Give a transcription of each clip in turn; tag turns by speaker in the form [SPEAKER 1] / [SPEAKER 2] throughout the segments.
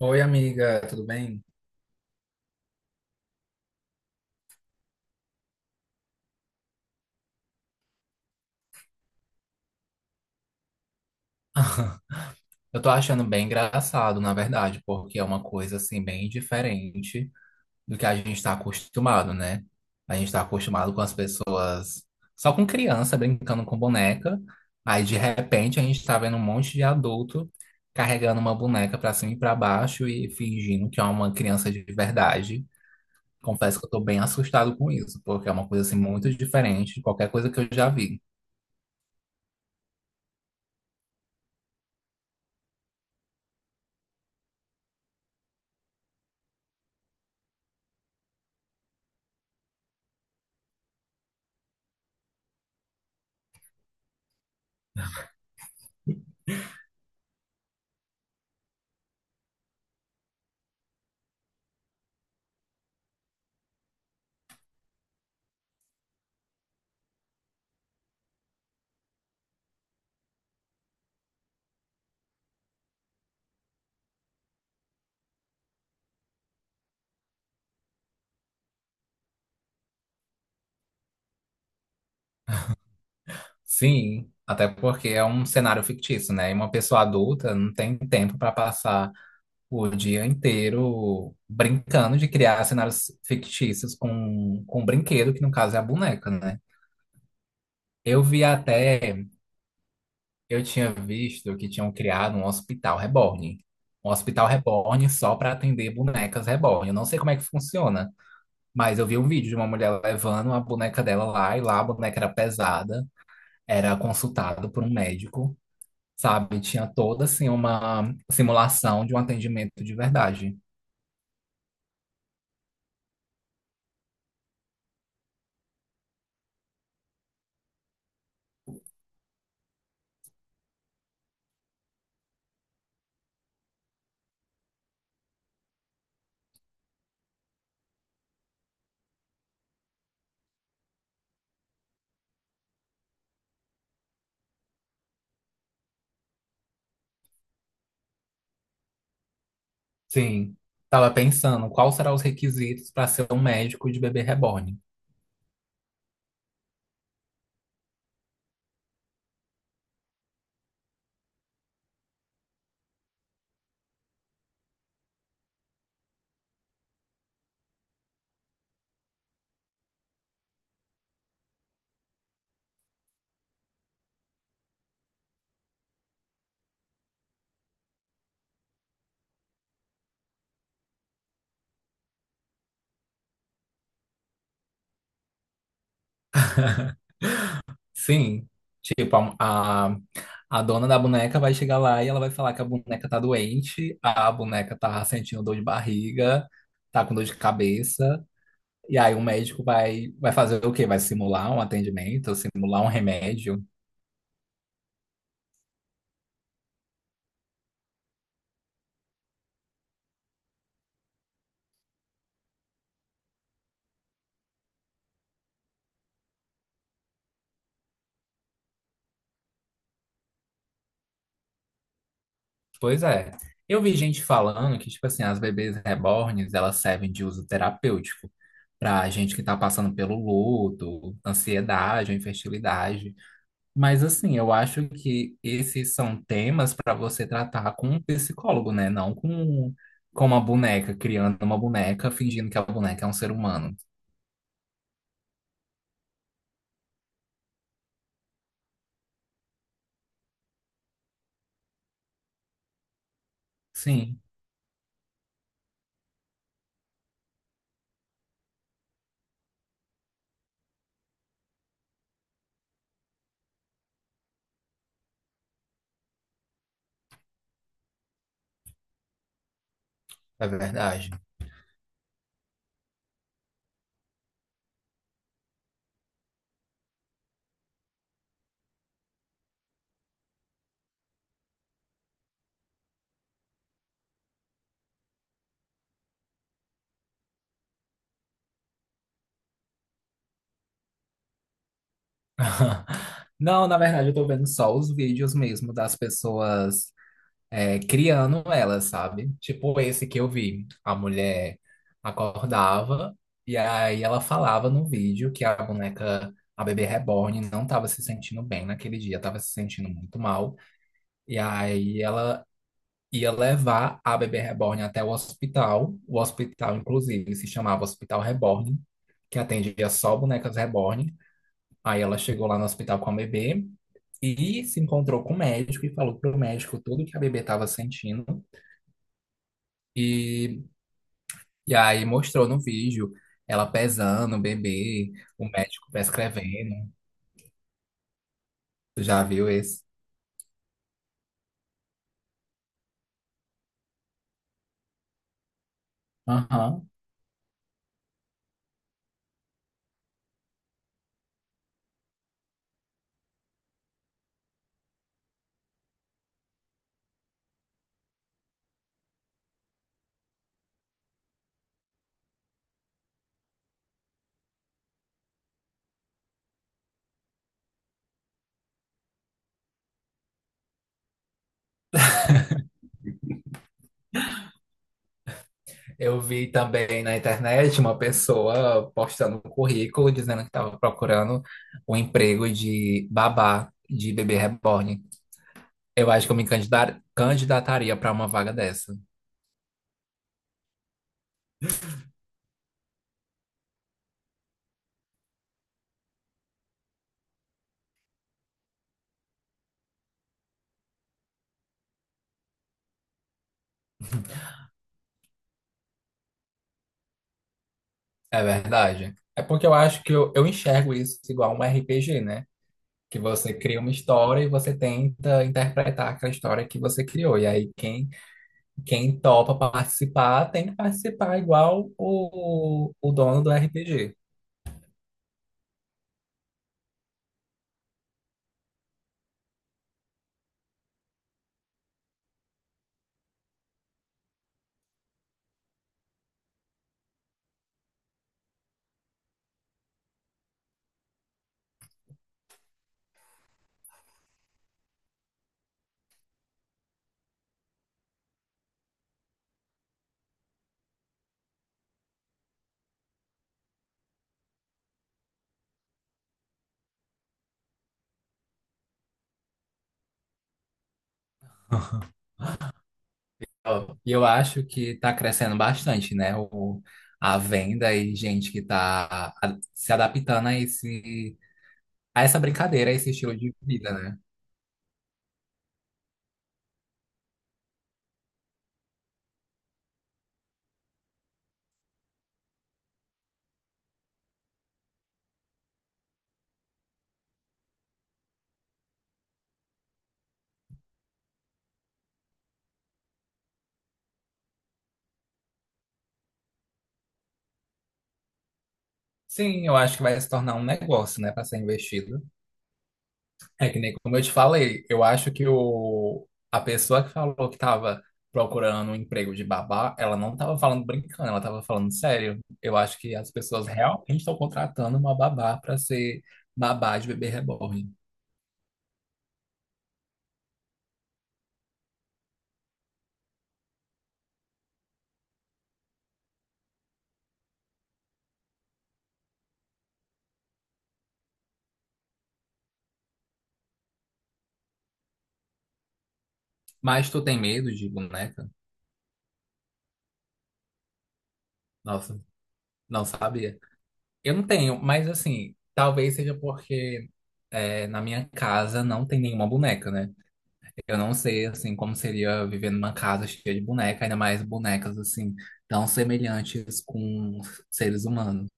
[SPEAKER 1] Oi, amiga, tudo bem? Eu tô achando bem engraçado, na verdade, porque é uma coisa assim bem diferente do que a gente está acostumado, né? A gente está acostumado com as pessoas só com criança brincando com boneca, aí de repente a gente tá vendo um monte de adulto carregando uma boneca pra cima e pra baixo e fingindo que é uma criança de verdade. Confesso que eu tô bem assustado com isso, porque é uma coisa assim muito diferente de qualquer coisa que eu já vi. Sim, até porque é um cenário fictício, né? E uma pessoa adulta não tem tempo para passar o dia inteiro brincando de criar cenários fictícios com um brinquedo, que no caso é a boneca, né? Eu vi até, eu tinha visto que tinham criado um hospital reborn. Um hospital reborn só para atender bonecas reborn. Eu não sei como é que funciona, mas eu vi um vídeo de uma mulher levando a boneca dela lá, e lá a boneca era pesada, era consultado por um médico. Sabe? Tinha toda assim uma simulação de um atendimento de verdade. Sim. Tava pensando quais serão os requisitos para ser um médico de bebê reborn. Sim, tipo, a dona da boneca vai chegar lá e ela vai falar que a boneca tá doente, a boneca tá sentindo dor de barriga, tá com dor de cabeça, e aí o médico vai fazer o quê? Vai simular um atendimento, simular um remédio. Pois é. Eu vi gente falando que, tipo assim, as bebês rebornes, elas servem de uso terapêutico pra gente que tá passando pelo luto, ansiedade, infertilidade. Mas, assim, eu acho que esses são temas para você tratar com um psicólogo, né? Não com uma boneca, criando uma boneca, fingindo que a boneca é um ser humano. Sim, é verdade. Não, na verdade, eu tô vendo só os vídeos mesmo das pessoas criando ela, sabe? Tipo esse que eu vi. A mulher acordava e aí ela falava no vídeo que a boneca, a bebê reborn, não estava se sentindo bem naquele dia, estava se sentindo muito mal. E aí ela ia levar a bebê reborn até o hospital. O hospital, inclusive, se chamava Hospital Reborn, que atendia só bonecas reborn. Aí ela chegou lá no hospital com a bebê. E se encontrou com o médico e falou pro médico tudo que a bebê estava sentindo. E, e aí mostrou no vídeo ela pesando o bebê, o médico prescrevendo. Tu já viu esse? Aham. Eu vi também na internet uma pessoa postando um currículo dizendo que estava procurando um emprego de babá de bebê reborn. Eu acho que eu candidataria para uma vaga dessa. É verdade. É porque eu acho que eu enxergo isso igual um RPG, né? Que você cria uma história e você tenta interpretar aquela história que você criou. E aí quem topa participar tem que participar igual o dono do RPG. Ó, e eu acho que está crescendo bastante, né? O, a venda e gente que está se adaptando a a essa brincadeira, a esse estilo de vida, né? Sim, eu acho que vai se tornar um negócio, né, para ser investido. É que nem como eu te falei, eu acho que o, a pessoa que falou que estava procurando um emprego de babá, ela não estava falando brincando, ela estava falando sério. Eu acho que as pessoas realmente estão contratando uma babá para ser babá de bebê reborn. Mas tu tem medo de boneca? Nossa, não sabia. Eu não tenho, mas assim, talvez seja porque na minha casa não tem nenhuma boneca, né? Eu não sei, assim, como seria viver numa casa cheia de boneca, ainda mais bonecas, assim, tão semelhantes com seres humanos.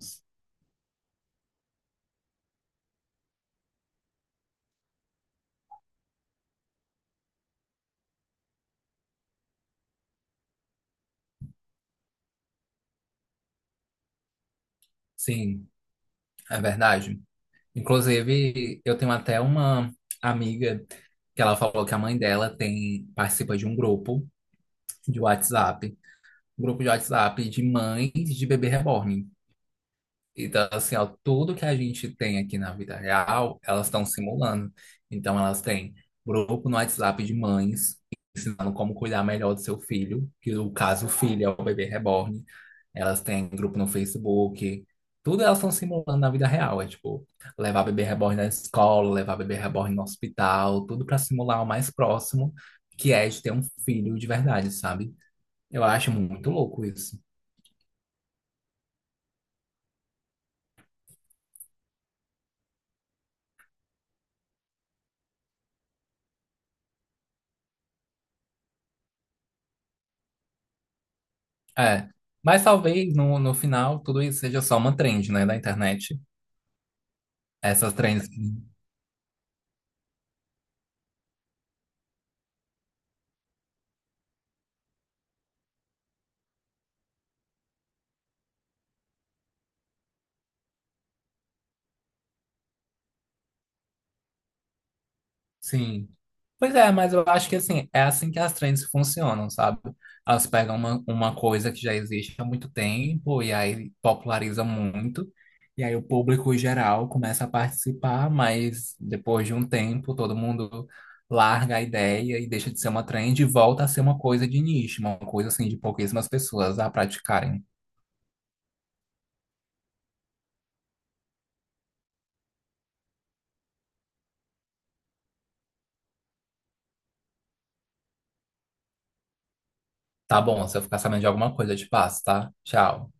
[SPEAKER 1] Sim, é verdade. Inclusive, eu tenho até uma amiga que ela falou que a mãe dela tem, participa de um grupo de WhatsApp, um grupo de WhatsApp de mães de bebê reborn. Então, assim, ó, tudo que a gente tem aqui na vida real, elas estão simulando. Então, elas têm grupo no WhatsApp de mães, ensinando como cuidar melhor do seu filho, que no caso o filho é o bebê reborn. Elas têm grupo no Facebook. Tudo elas estão simulando na vida real. É tipo, levar bebê reborn na escola, levar bebê reborn no hospital, tudo para simular o mais próximo que é de ter um filho de verdade, sabe? Eu acho muito louco isso. É. Mas talvez no final tudo isso seja só uma trend, né, da internet. Essas trends. Que- Sim. Pois é, mas eu acho que assim, é assim que as trends funcionam, sabe? Elas pegam uma coisa que já existe há muito tempo e aí populariza muito. E aí o público geral começa a participar, mas depois de um tempo todo mundo larga a ideia e deixa de ser uma trend e volta a ser uma coisa de nicho, uma coisa assim de pouquíssimas pessoas a praticarem. Tá bom, se eu ficar sabendo de alguma coisa, eu te passo, tá? Tchau.